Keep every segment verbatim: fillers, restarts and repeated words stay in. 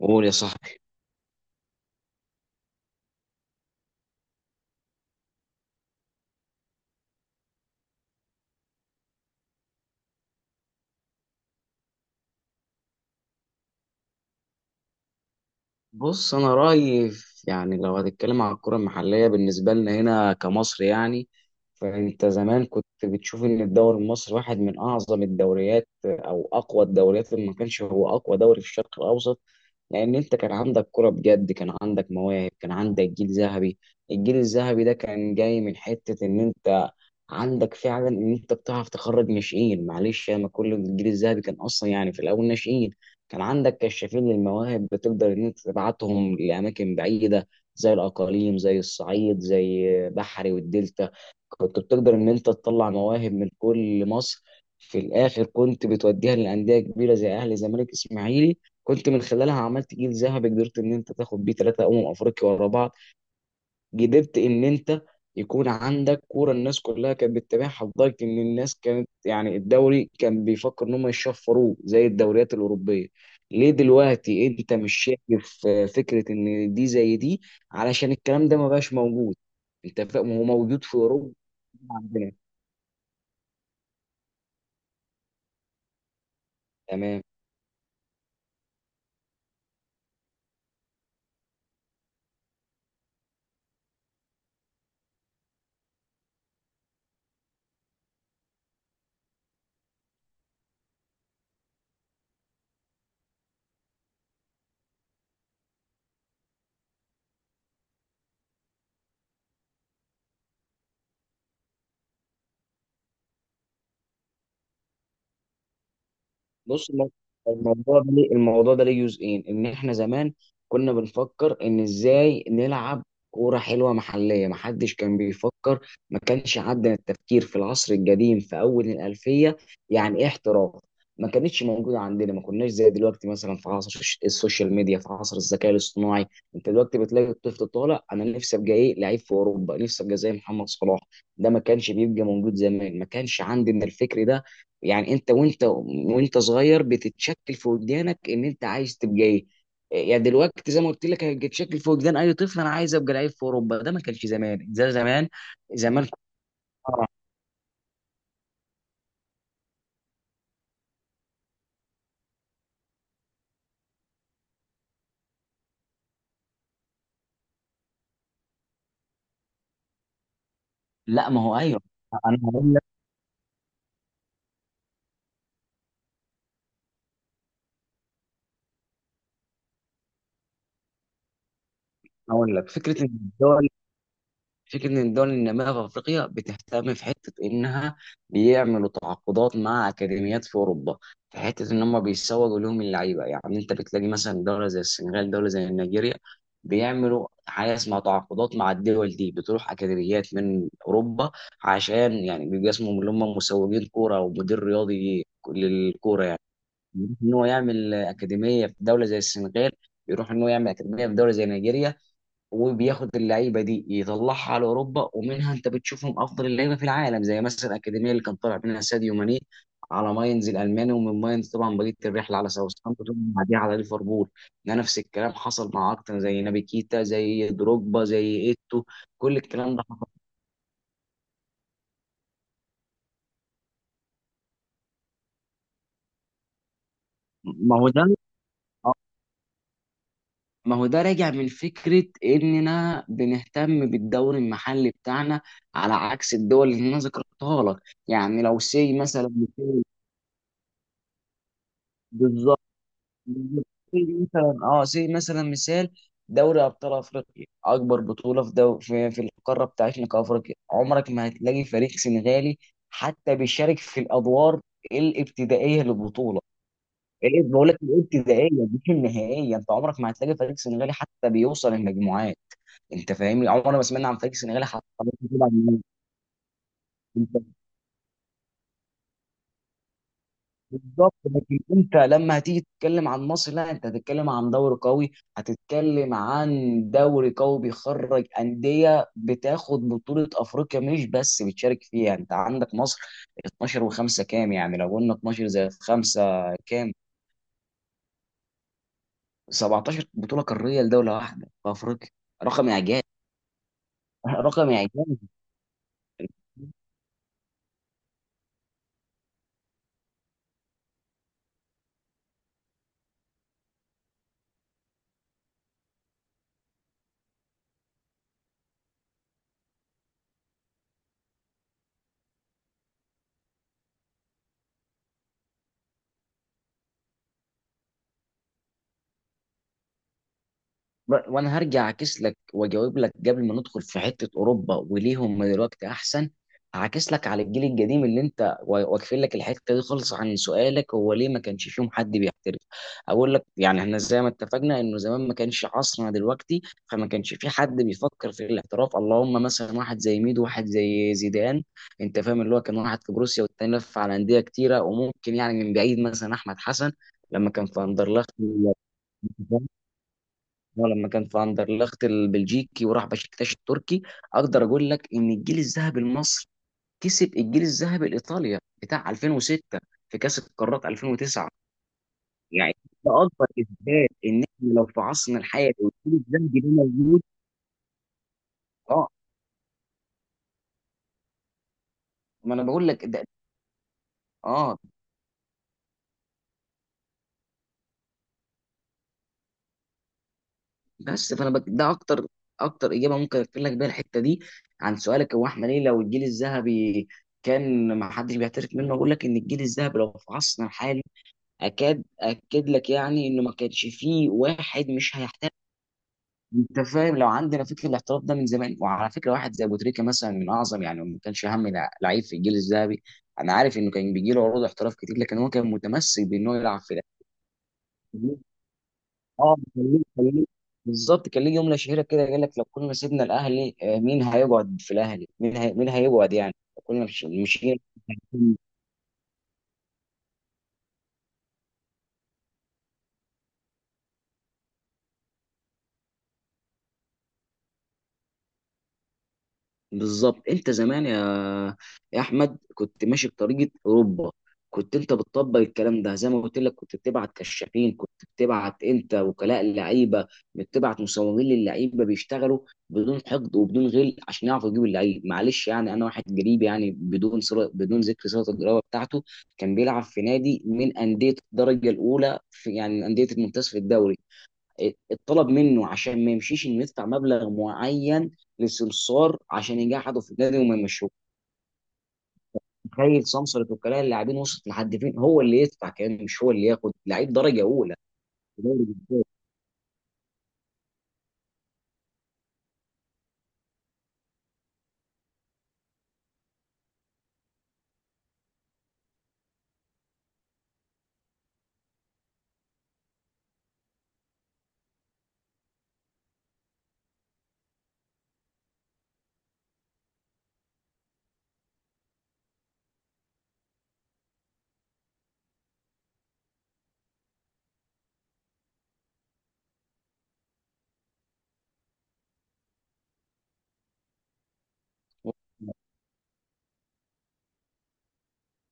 قول يا صاحبي. بص، انا رايي في- يعني لو هتتكلم عن الكره المحليه بالنسبه لنا هنا كمصر يعني. فانت زمان كنت بتشوف ان الدوري المصري واحد من اعظم الدوريات او اقوى الدوريات اللي ما كانش هو اقوى دوري في الشرق الاوسط. لان انت كان عندك كره بجد، كان عندك مواهب، كان عندك جيل ذهبي. الجيل الذهبي ده كان جاي من حته ان انت عندك فعلا ان انت بتعرف تخرج ناشئين، معلش انا كل الجيل الذهبي كان اصلا يعني في الاول ناشئين. كان عندك كشافين للمواهب بتقدر ان انت تبعتهم لاماكن بعيده، زي الاقاليم، زي الصعيد، زي بحري والدلتا. كنت بتقدر ان انت تطلع مواهب من كل مصر، في الاخر كنت بتوديها لانديه كبيره زي اهلي، زمالك، اسماعيلي. كنت من خلالها عملت جيل ذهبي قدرت ان انت تاخد بيه ثلاثه امم افريقيا ورا بعض. قدرت ان انت يكون عندك كوره الناس كلها كانت بتتابعها، لدرجه ان الناس كانت يعني الدوري كان بيفكر ان هم يشفروه زي الدوريات الاوروبيه. ليه دلوقتي انت مش شايف آه، فكره ان دي زي دي؟ علشان الكلام ده ما بقاش موجود، انت فاهم، هو موجود في اوروبا عندنا. تمام. بص، الم- الموضوع ده ليه، الموضوع ده ليه جزئين، ان احنا زمان كنا بنفكر ان ازاي نلعب كوره حلوه محليه، ما حدش كان بيفكر. ما كانش عندنا التفكير في العصر القديم في اول الالفيه يعني ايه احتراف، ما كانتش موجوده عندنا. ما كناش زي دلوقتي مثلا في عصر الش- السوشيال ميديا، في عصر الذكاء الاصطناعي. انت دلوقتي بتلاقي الطفل طالع، انا نفسي ابقى ايه لعيب في اوروبا، نفسي ابقى زي محمد صلاح. ده ما كانش بيبقى موجود زمان، ما كانش عندنا الفكر ده. يعني انت وانت وانت صغير بتتشكل في وجدانك ان انت عايز تبقى ايه. يعني دلوقتي زي ما قلت لك هيتشكل في وجدان اي طفل انا عايز ابقى لعيب في اوروبا، ده ما كانش زمان زي زمان. زمان كنت- لا ما هو ايوه، انا هقول لك هقول لك. فكره ان الدول، فكرة إن الدول النامية في أفريقيا بتهتم في حتة إنها بيعملوا تعاقدات مع أكاديميات في أوروبا، في حتة إن هم بيسوقوا لهم اللعيبة. يعني أنت بتلاقي مثلا دولة زي السنغال، دولة زي نيجيريا، بيعملوا حاجة اسمها تعاقدات مع الدول دي، بتروح أكاديميات من أوروبا، عشان يعني بيبقى اسمهم اللي هم مسوقين كورة أو مدير رياضي للكورة يعني. يروح إن هو يعمل أكاديمية في دولة زي السنغال، يروح إن هو يعمل أكاديمية في دولة زي نيجيريا، وبياخد اللعيبه دي يطلعها على اوروبا، ومنها انت بتشوفهم افضل اللعيبه في العالم، زي مثلا الاكاديميه اللي كان طالع منها ساديو ماني على ماينز الالماني، ومن ماينز طبعا بقيه الرحله على ساوثهامبتون وبعديها على ليفربول. ده نفس الكلام حصل مع اكتر، زي نابي كيتا، زي دروجبا، زي ايتو. كل الكلام ده حصل. ما هو ده آه، ما هو ده راجع من فكرة إننا بنهتم بالدوري المحلي بتاعنا على عكس الدول اللي أنا ذكرتها لك. يعني لو سي مثلا، بالظبط، بالظبط. زي مثلا اه، زي مثلا مثال دوري ابطال افريقيا، اكبر بطوله في دو في, في القاره بتاعتنا كافريقيا، عمرك ما هتلاقي فريق سنغالي حتى بيشارك في الادوار الابتدائيه للبطوله. يعني ايه، بقول لك الابتدائيه مش النهائيه، انت عمرك ما هتلاقي فريق سنغالي حتى بيوصل المجموعات. انت فاهمني، عمرنا ما سمعنا عن فريق سنغالي حتى. طبعا، بالظبط. لكن انت لما هتيجي تتكلم عن مصر، لا انت هتتكلم عن دوري قوي، هتتكلم عن دوري قوي بيخرج انديه بتاخد بطوله افريقيا مش بس بتشارك فيها. يعني انت عندك مصر اتناشر و5 كام، يعني لو قلنا اتناشر زائد خمسة كام؟ سبعتاشر بطوله قاريه لدوله واحده في افريقيا، رقم اعجاز. رقم اعجاز. ب- وانا هرجع اعكس لك واجاوب لك قبل ما ندخل في حته اوروبا وليه هم دلوقتي احسن. هعكس لك على الجيل القديم اللي انت واقفين لك الحته دي خالص عن سؤالك، هو ليه ما كانش فيهم حد بيحترف؟ اقول لك، يعني احنا زي ما اتفقنا انه زمان ما كانش عصرنا دلوقتي، فما كانش في حد بيفكر في الاحتراف، اللهم مثلا واحد زي ميدو، واحد زي زيدان، انت فاهم، اللي هو كان واحد في بروسيا والتاني لف على انديه كتيره، وممكن يعني من بعيد مثلا احمد حسن لما كان في اندرلخت. هو لما كان في اندرلخت البلجيكي وراح بشكتاش التركي. اقدر اقول لك ان الجيل الذهبي المصري كسب الجيل الذهبي الايطاليا بتاع ألفين وستة في كاس القارات ألفين وتسعة يعني. ده اكبر اثبات ان احنا لو في عصرنا الحالي والجيل الذهبي ده موجود. اه، ما انا بقول لك ده. اه، بس فانا بك ده اكتر اكتر اجابه ممكن اقفل لك بيها الحته دي عن سؤالك، هو احنا ليه لو الجيل الذهبي كان ما حدش بيعترف منه؟ اقول لك ان الجيل الذهبي لو في عصرنا الحالي، اكاد اكد لك يعني انه ما كانش فيه واحد مش هيحترف. انت فاهم، لو عندنا فكره الاحتراف ده من زمان. وعلى فكره واحد زي ابو تريكه مثلا من اعظم، يعني ما كانش اهم لع- لعيب في الجيل الذهبي. انا عارف انه كان بيجي له عروض احتراف كتير، لكن هو كان متمسك بانه يلعب في الاهلي. اه كان ليه، كان ليه- بالظبط، كان ليه جمله شهيره كده، قال لك لو كنا سيبنا الاهلي آه، مين هيقعد في الاهلي؟ مين هي... مين هيقعد يعني لو كنا مش مش. بالظبط. انت زمان يا يا احمد كنت ماشي بطريقه اوروبا، كنت انت بتطبق الكلام ده زي ما قلت لك، كنت بتبعت كشافين، كنت بتبعت انت وكلاء اللعيبه، بتبعت مصورين للعيبه بيشتغلوا بدون حقد وبدون غل عشان يعرفوا يجيبوا اللعيب. معلش يعني انا واحد قريب يعني، بدون صلة، بدون ذكر صله القرابه بتاعته، كان بيلعب في نادي من انديه الدرجه الاولى في يعني انديه الممتاز في الدوري، اتطلب منه عشان ما يمشيش انه يدفع مبلغ معين لسمسار عشان يجحده في النادي وما يمشوه. تخيل سمسار وكلاء اللاعبين وصلت لحد فين، هو اللي يدفع كمان، مش هو اللي ياخد لعيب درجه اولى في دوري.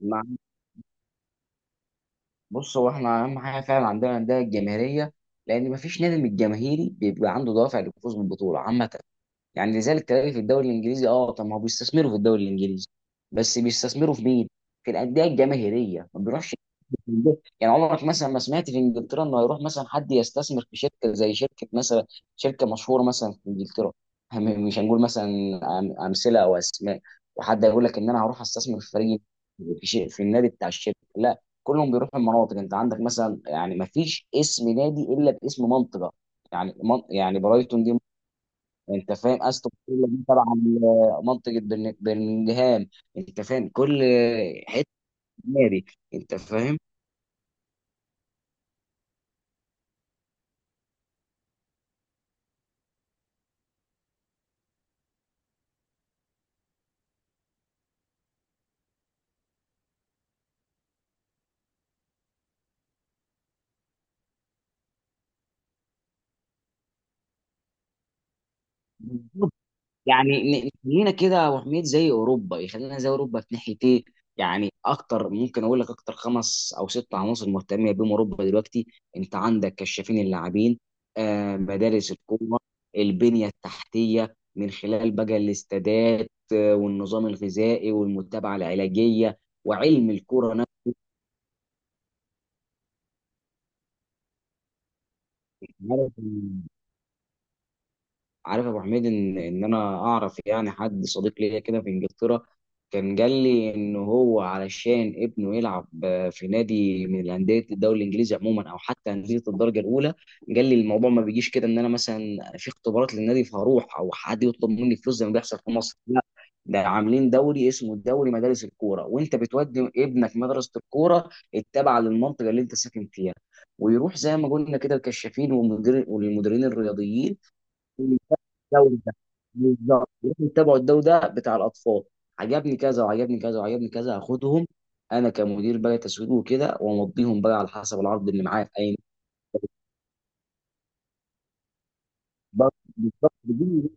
مع- بص، هو احنا اهم حاجه فعلا عندنا الانديه الجماهيريه، لان مفيش نادي من الجماهيري بيبقى عنده دوافع للفوز بالبطوله عامه. يعني لذلك تلاقي في الدوري الانجليزي، اه طب ما هو بيستثمروا في الدوري الانجليزي، بس بيستثمروا في مين؟ في الانديه الجماهيريه، ما بيروحش. يعني عمرك مثلا ما سمعت في انجلترا انه هيروح مثلا حد يستثمر في شركه، زي شركه مثلا، شركه مشهوره مثلا في انجلترا، هم- مش هنقول مثلا أم- امثله او اسماء، وحد يقول لك ان انا هروح استثمر في فريق في, شيء في النادي بتاع الشركه، لا كلهم بيروحوا المناطق. انت عندك مثلا يعني، ما فيش اسم نادي الا باسم منطقه، يعني من يعني برايتون دي. انت فاهم استون فيلا دي تبع ال- منطقه برن- برمنجهام، انت فاهم، كل حته نادي، انت فاهم. يعني ن- نخلينا كده يا ابو حميد زي اوروبا، يخلينا زي اوروبا في ناحيه ايه؟ يعني اكتر، ممكن اقول لك اكتر خمس او ست عناصر مهتمه بيهم اوروبا دلوقتي، انت عندك كشافين اللاعبين، آه، مدارس الكوره، البنيه التحتيه من خلال بقى الاستادات، آه، والنظام الغذائي والمتابعه العلاجيه، وعلم الكوره نفسه. عارف يا ابو حميد ان ان انا اعرف يعني حد صديق ليا كده في انجلترا، كان قال لي ان هو علشان ابنه يلعب آه، في نادي من الانديه الدوري الانجليزي عموما او حتى انديه الدرجه الاولى، قال لي الموضوع ما بيجيش كده ان انا مثلا في اختبارات للنادي فهروح او حد يطلب مني فلوس زي ما بيحصل في مصر، لا ده عاملين دوري اسمه الدوري مدارس الكوره، وانت بتودي ابنك مدرسه الكوره التابعه للمنطقه اللي انت ساكن فيها، ويروح زي ما قلنا كده الكشافين والمدير والمديرين الرياضيين الدوري ده. بالظبط، روحوا اتبعوا الدوري ده بتاع الاطفال، عجبني كذا وعجبني كذا وعجبني كذا هاخدهم، انا كمدير بقى تسويق وكده، وامضيهم بقى على حسب العرض اللي معايا في اي. بالظبط، بدون،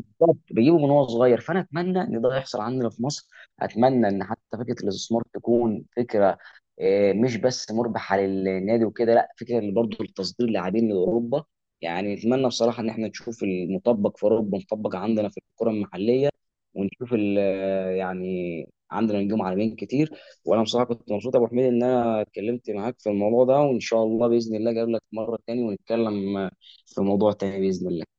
بالظبط، بجيبه من هو صغير. فانا اتمنى ان ده يحصل عندنا في مصر، اتمنى ان حتى فكره الاستثمار تكون فكره آه، مش بس مربحه للنادي وكده، لا فكره اللي برضه لتصدير لاعبين لاوروبا. يعني نتمنى بصراحه ان احنا نشوف المطبق في اوروبا مطبق عندنا في الكره المحليه، ونشوف ال- آه، يعني عندنا نجوم عالميين كتير. وانا بصراحه كنت مبسوط يا ابو حميد ان انا اتكلمت معاك في الموضوع ده، وان شاء الله باذن الله اجيب لك مره تاني ونتكلم آه، في موضوع تاني باذن الله.